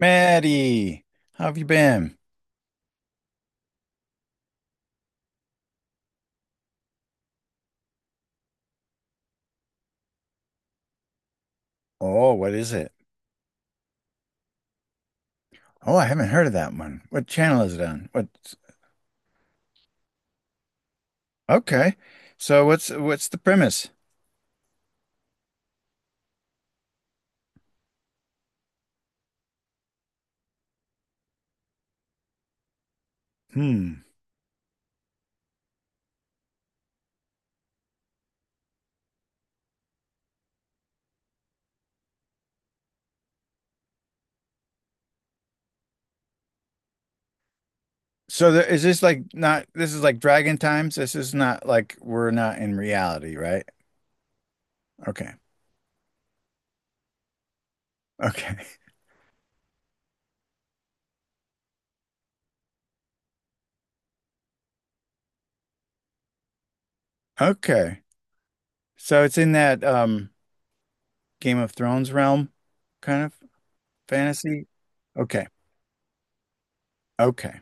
Maddie, how have you been? Oh, what is it? Oh, I haven't heard of that one. What channel is it on? What? Okay. So what's the premise? Hmm. So there, is this like not— this is like Dragon Times? This is not like we're not in reality, right? Okay. Okay. Okay. So it's in that Game of Thrones realm kind of fantasy. Okay. Okay.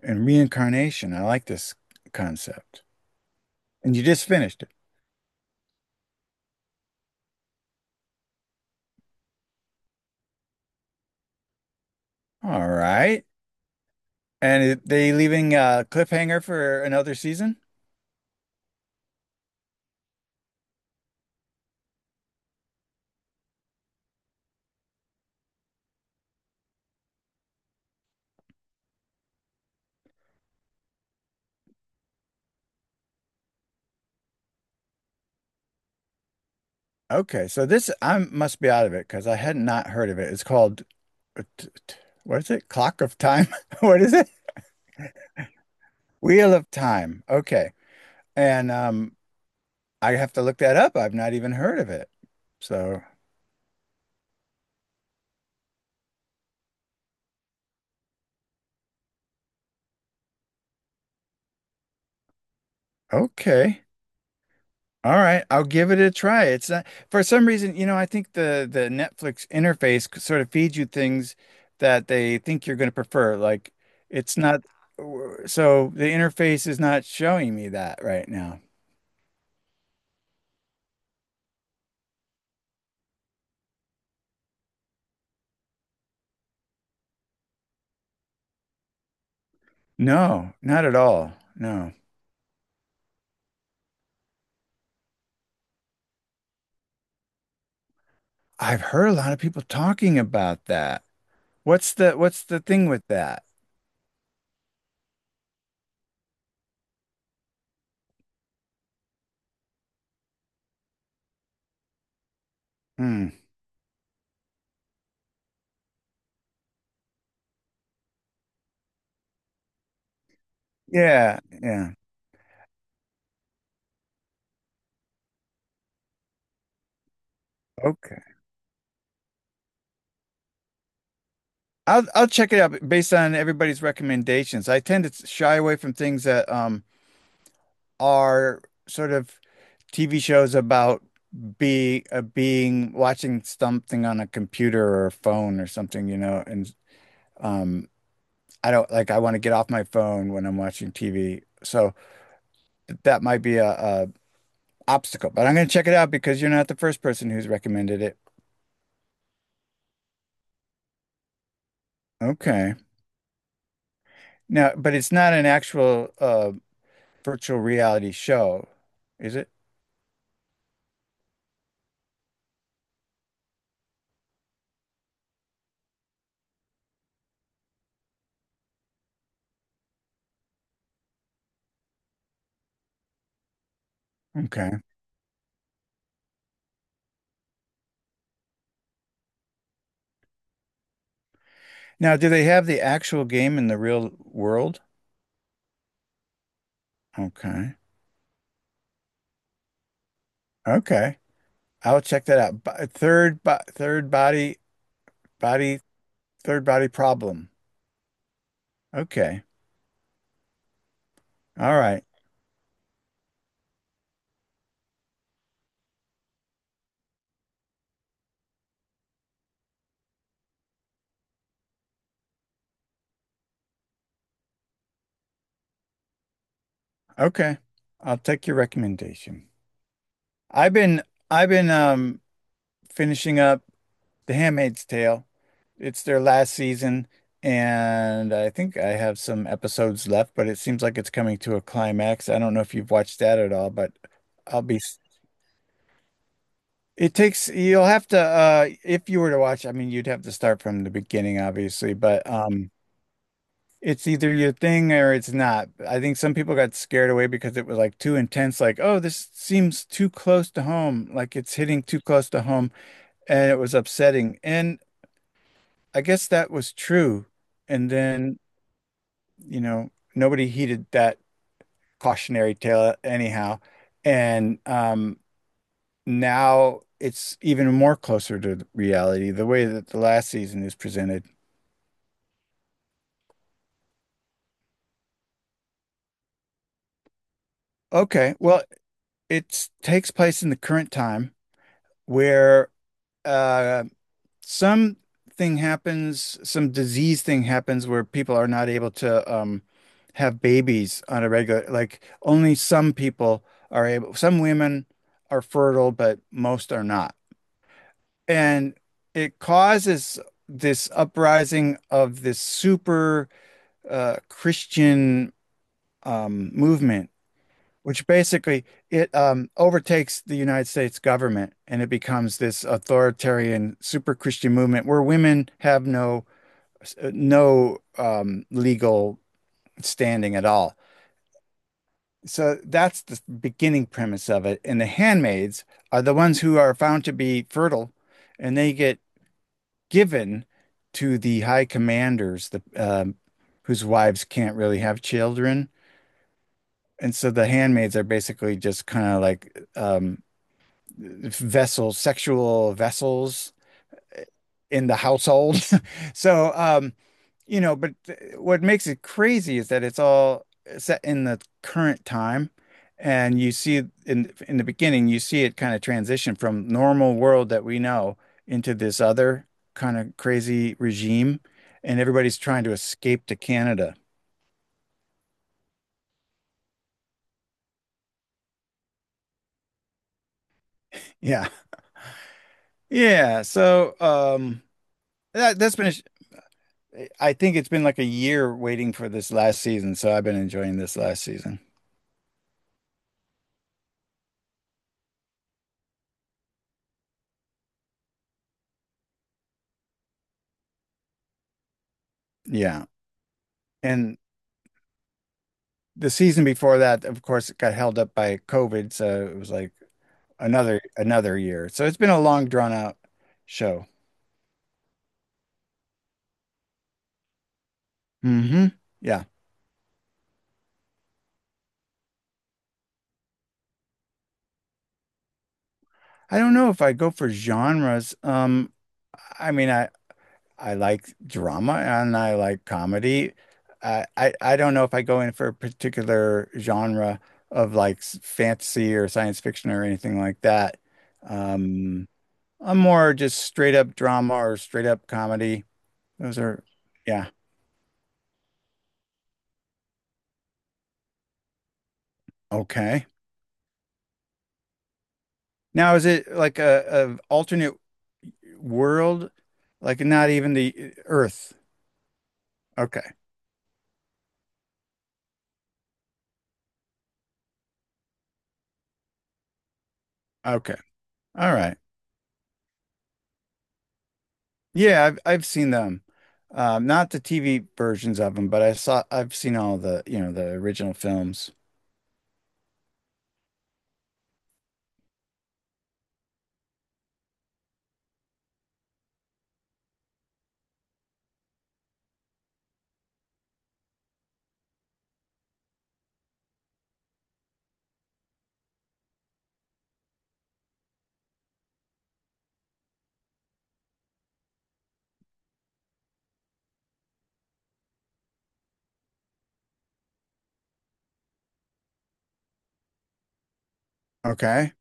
And reincarnation. I like this concept. And you just finished it. All right. And it, they leaving a cliffhanger for another season? Okay, so this I must be out of it because I had not heard of it. It's called uh, t- t- what is it? Clock of Time? What is it? Wheel of Time. Okay, and I have to look that up. I've not even heard of it. So okay. All right, I'll give it a try. It's not— for some reason, you know, I think the Netflix interface c- sort of feeds you things that they think you're going to prefer. Like it's not— so the interface is not showing me that right now. No, not at all. No. I've heard a lot of people talking about that. What's the— what's the thing with that? Hmm. Yeah, yeah. Okay. I'll check it out based on everybody's recommendations. I tend to shy away from things that are sort of TV shows about be— being watching something on a computer or a phone or something, you know, and um I don't like— I want to get off my phone when I'm watching TV. So that might be a obstacle, but I'm going to check it out because you're not the first person who's recommended it. Okay. Now, but it's not an actual virtual reality show, is it? Okay. Now, do they have the actual game in the real world? Okay. Okay. I'll check that out. Bo third body, body, third body problem. Okay. All right. Okay. I'll take your recommendation. I've been, I've been, finishing up The Handmaid's Tale. It's their last season, and I think I have some episodes left, but it seems like it's coming to a climax. I don't know if you've watched that at all, but I'll be. It takes— you'll have to if you were to watch, I mean you'd have to start from the beginning obviously, but it's either your thing or it's not. I think some people got scared away because it was like too intense, like, oh, this seems too close to home, like it's hitting too close to home, and it was upsetting. And I guess that was true. And then, you know, nobody heeded that cautionary tale anyhow. And now it's even more closer to reality the way that the last season is presented. Okay, well, it takes place in the current time where uh, some thing happens, some disease thing happens where people are not able to have babies on a regular, like only some people are able, some women are fertile, but most are not. And it causes this uprising of this super Christian movement, which basically it overtakes the United States government, and it becomes this authoritarian super Christian movement where women have no legal standing at all. So that's the beginning premise of it. And the handmaids are the ones who are found to be fertile, and they get given to the high commanders, the whose wives can't really have children. And so the handmaids are basically just kind of like vessels, sexual vessels in the household. So, you know, but what makes it crazy is that it's all set in the current time. And you see in the beginning, you see it kind of transition from normal world that we know into this other kind of crazy regime. And everybody's trying to escape to Canada. Yeah. Yeah. So, that's been— I think it's been like a year waiting for this last season, so I've been enjoying this last season. Yeah. And the season before that, of course, it got held up by COVID, so it was like another year. So it's been a long drawn out show. Hmm. Yeah. I don't know if I go for genres. I mean, I like drama and I like comedy. I don't know if I go in for a particular genre of like s- fantasy or science fiction or anything like that. Um, I'm more just straight up drama or straight up comedy. Those are, yeah, okay. Now, is it like a alternate world? Like not even the Earth? Okay, okay, all right. Yeah, I've seen them. Not the TV versions of them, but I saw— I've seen all the, you know, the original films. Okay.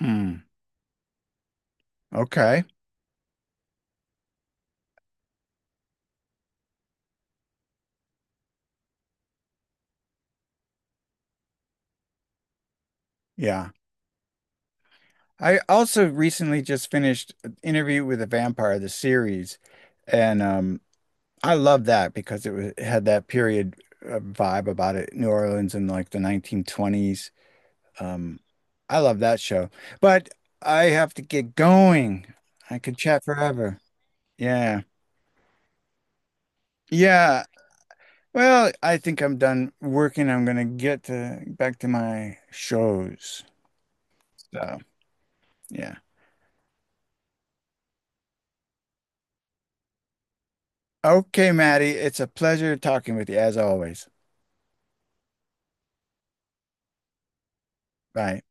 Hmm. Okay. Yeah. I also recently just finished Interview with a Vampire, the series, and I love that because it had that period vibe about it, New Orleans in like the 1920s. Um I love that show. But I have to get going. I could chat forever. Yeah. Yeah. Well, I think I'm done working. I'm gonna get to back to my shows. So, yeah. Okay, Maddie, it's a pleasure talking with you as always. Bye.